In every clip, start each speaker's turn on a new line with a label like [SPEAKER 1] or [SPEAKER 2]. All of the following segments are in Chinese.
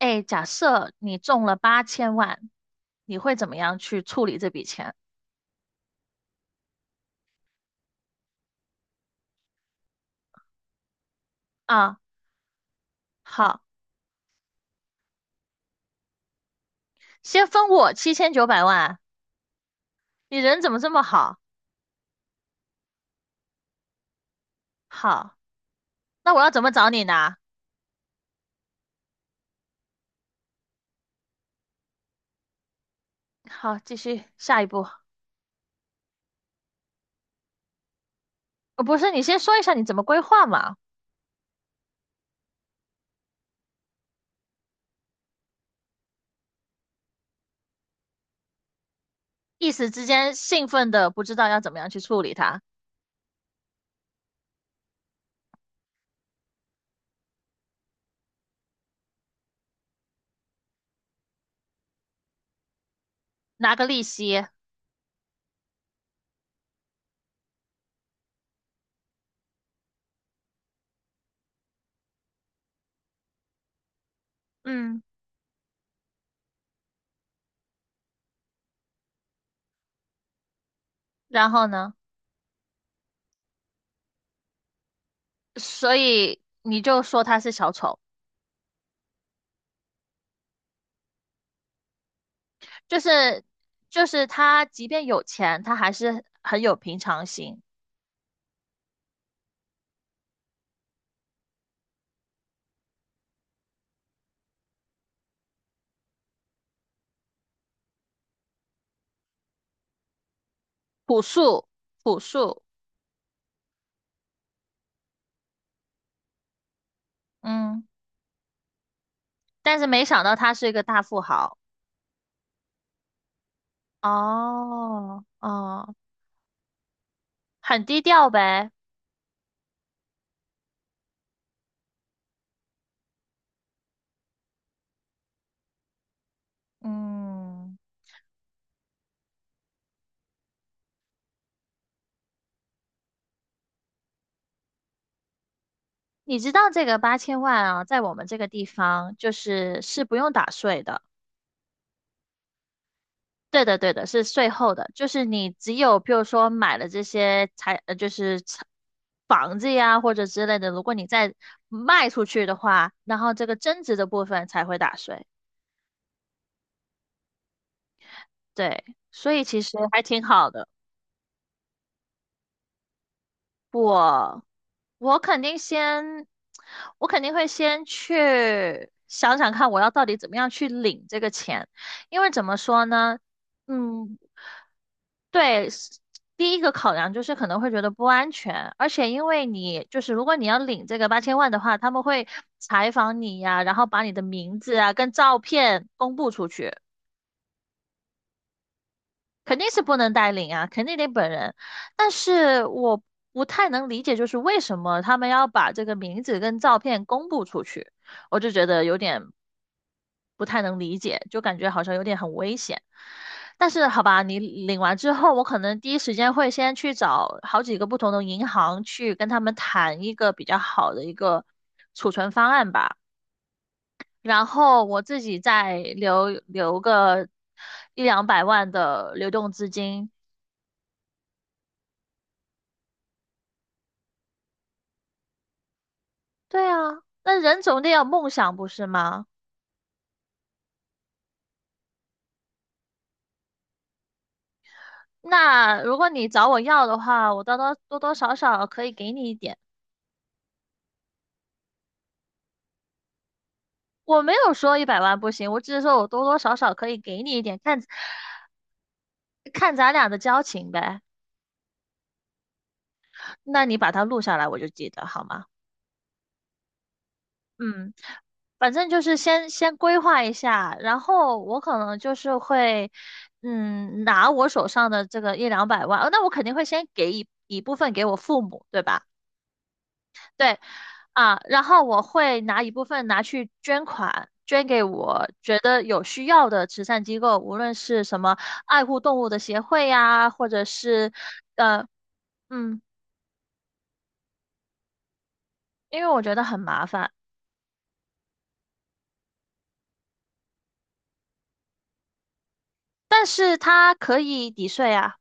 [SPEAKER 1] 哎，假设你中了八千万，你会怎么样去处理这笔钱啊？好，先分我七千九百万，你人怎么这么好？好，那我要怎么找你呢？好，继续下一步。不是，你先说一下你怎么规划嘛？一时之间兴奋的不知道要怎么样去处理它，拿个利息。嗯，然后呢？所以你就说他是小丑。就是就是他即便有钱，他还是很有平常心。朴素，朴素。嗯，但是没想到他是一个大富豪。哦，哦，很低调呗。嗯，你知道这个八千万啊，在我们这个地方就是不用打税的。对的，对的，是税后的，就是你只有比如说买了这些财，呃，就是财房子呀或者之类的，如果你再卖出去的话，然后这个增值的部分才会打税。对，所以其实还挺好的。我我肯定先，我肯定会先去想想看，我要到底怎么样去领这个钱，因为怎么说呢？嗯，对，是第一个考量就是可能会觉得不安全，而且因为你就是如果你要领这个八千万的话，他们会采访你呀，然后把你的名字啊跟照片公布出去。肯定是不能代领啊，肯定得本人。但是我不太能理解，就是为什么他们要把这个名字跟照片公布出去，我就觉得有点不太能理解，就感觉好像有点很危险。但是好吧，你领完之后，我可能第一时间会先去找好几个不同的银行去跟他们谈一个比较好的一个储存方案吧，然后我自己再留个一两百万的流动资金。对啊，那人总得有梦想，不是吗？那如果你找我要的话，我多多少少可以给你一点。我没有说100万不行，我只是说我多多少少可以给你一点，看看咱俩的交情呗。那你把它录下来，我就记得好吗？嗯，反正就是先规划一下，然后我可能就是会，嗯，拿我手上的这个一两百万。那我肯定会先给一部分给我父母，对吧？对。啊，然后我会拿一部分拿去捐款，捐给我觉得有需要的慈善机构，无论是什么爱护动物的协会呀，或者是呃嗯，因为我觉得很麻烦，但是它可以抵税啊。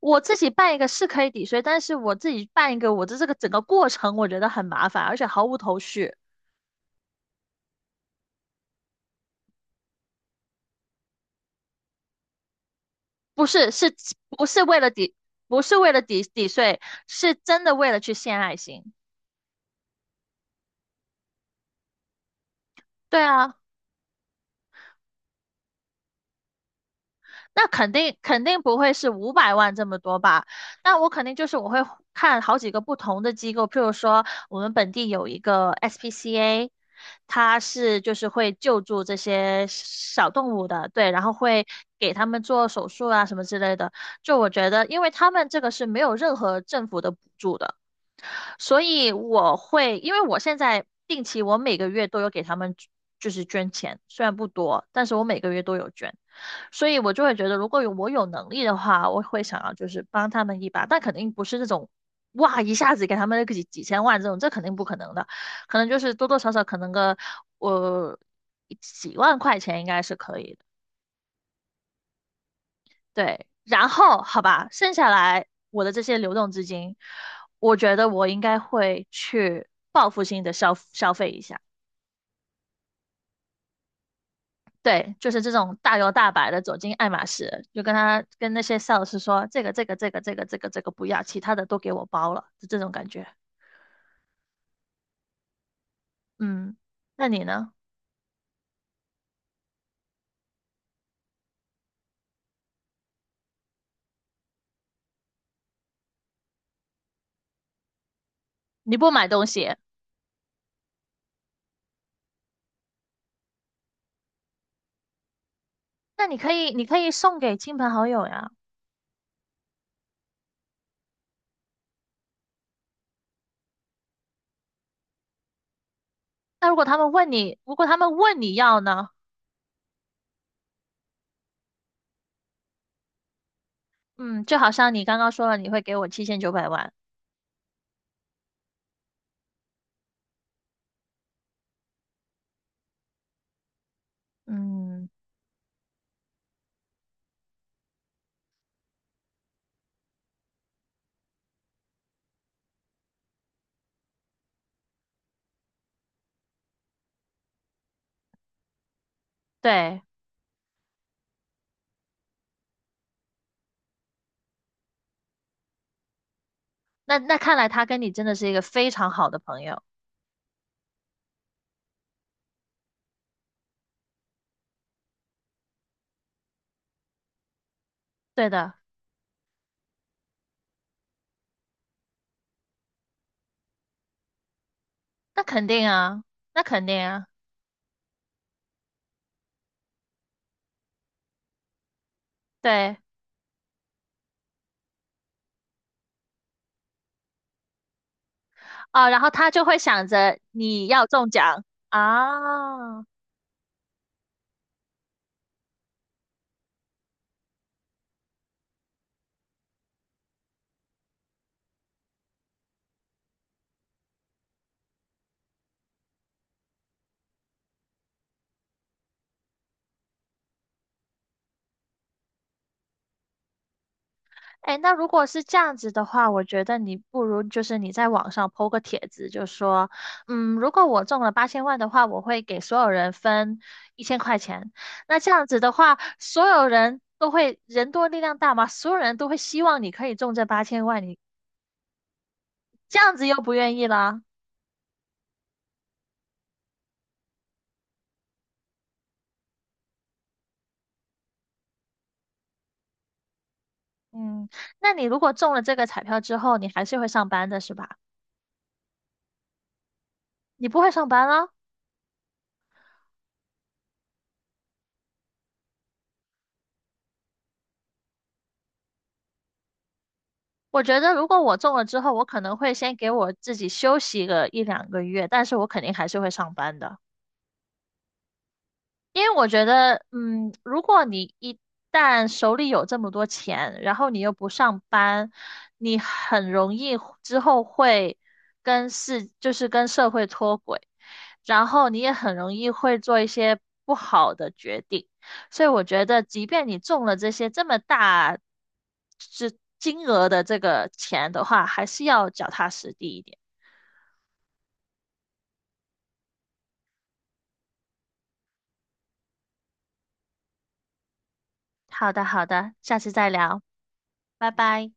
[SPEAKER 1] 我自己办一个是可以抵税，但是我自己办一个，我的这个整个过程我觉得很麻烦，而且毫无头绪。不是，不是为了抵，不是为了抵税，是真的为了去献爱心。对啊。那肯定肯定不会是500万这么多吧？那我肯定就是我会看好几个不同的机构，譬如说我们本地有一个 SPCA，它是就是会救助这些小动物的，对，然后会给他们做手术啊什么之类的。就我觉得，因为他们这个是没有任何政府的补助的，所以我会，因为我现在定期我每个月都有给他们就是捐钱，虽然不多，但是我每个月都有捐。所以我就会觉得，如果有我有能力的话，我会想要就是帮他们一把，但肯定不是那种哇一下子给他们个几千万这种，这肯定不可能的，可能就是多多少少可能个我、几万块钱应该是可以的。对。然后好吧，剩下来我的这些流动资金，我觉得我应该会去报复性的消费一下。对，就是这种大摇大摆的走进爱马仕，就跟他跟那些 sales 说这个这个这个这个这个这个不要，其他的都给我包了，就这种感觉。嗯，那你呢？你不买东西，那你可以送给亲朋好友呀。那如果他们问你，如果他们问你要呢？嗯，就好像你刚刚说了，你会给我七千九百万。嗯，对，那看来他跟你真的是一个非常好的朋友。对的，那肯定啊，那肯定啊，对。啊，然后他就会想着你要中奖啊。哎，那如果是这样子的话，我觉得你不如就是你在网上 po 个帖子，就说，嗯，如果我中了八千万的话，我会给所有人分1000块钱。那这样子的话，所有人都会人多力量大嘛，所有人都会希望你可以中这八千万，你这样子又不愿意了。嗯，那你如果中了这个彩票之后，你还是会上班的是吧？你不会上班了？我觉得如果我中了之后，我可能会先给我自己休息个一两个月，但是我肯定还是会上班的。因为我觉得，嗯，如果你一旦手里有这么多钱，然后你又不上班，你很容易之后会就是跟社会脱轨，然后你也很容易会做一些不好的决定。所以我觉得，即便你中了这些这么大是金额的这个钱的话，还是要脚踏实地一点。好的，好的，下次再聊，拜拜。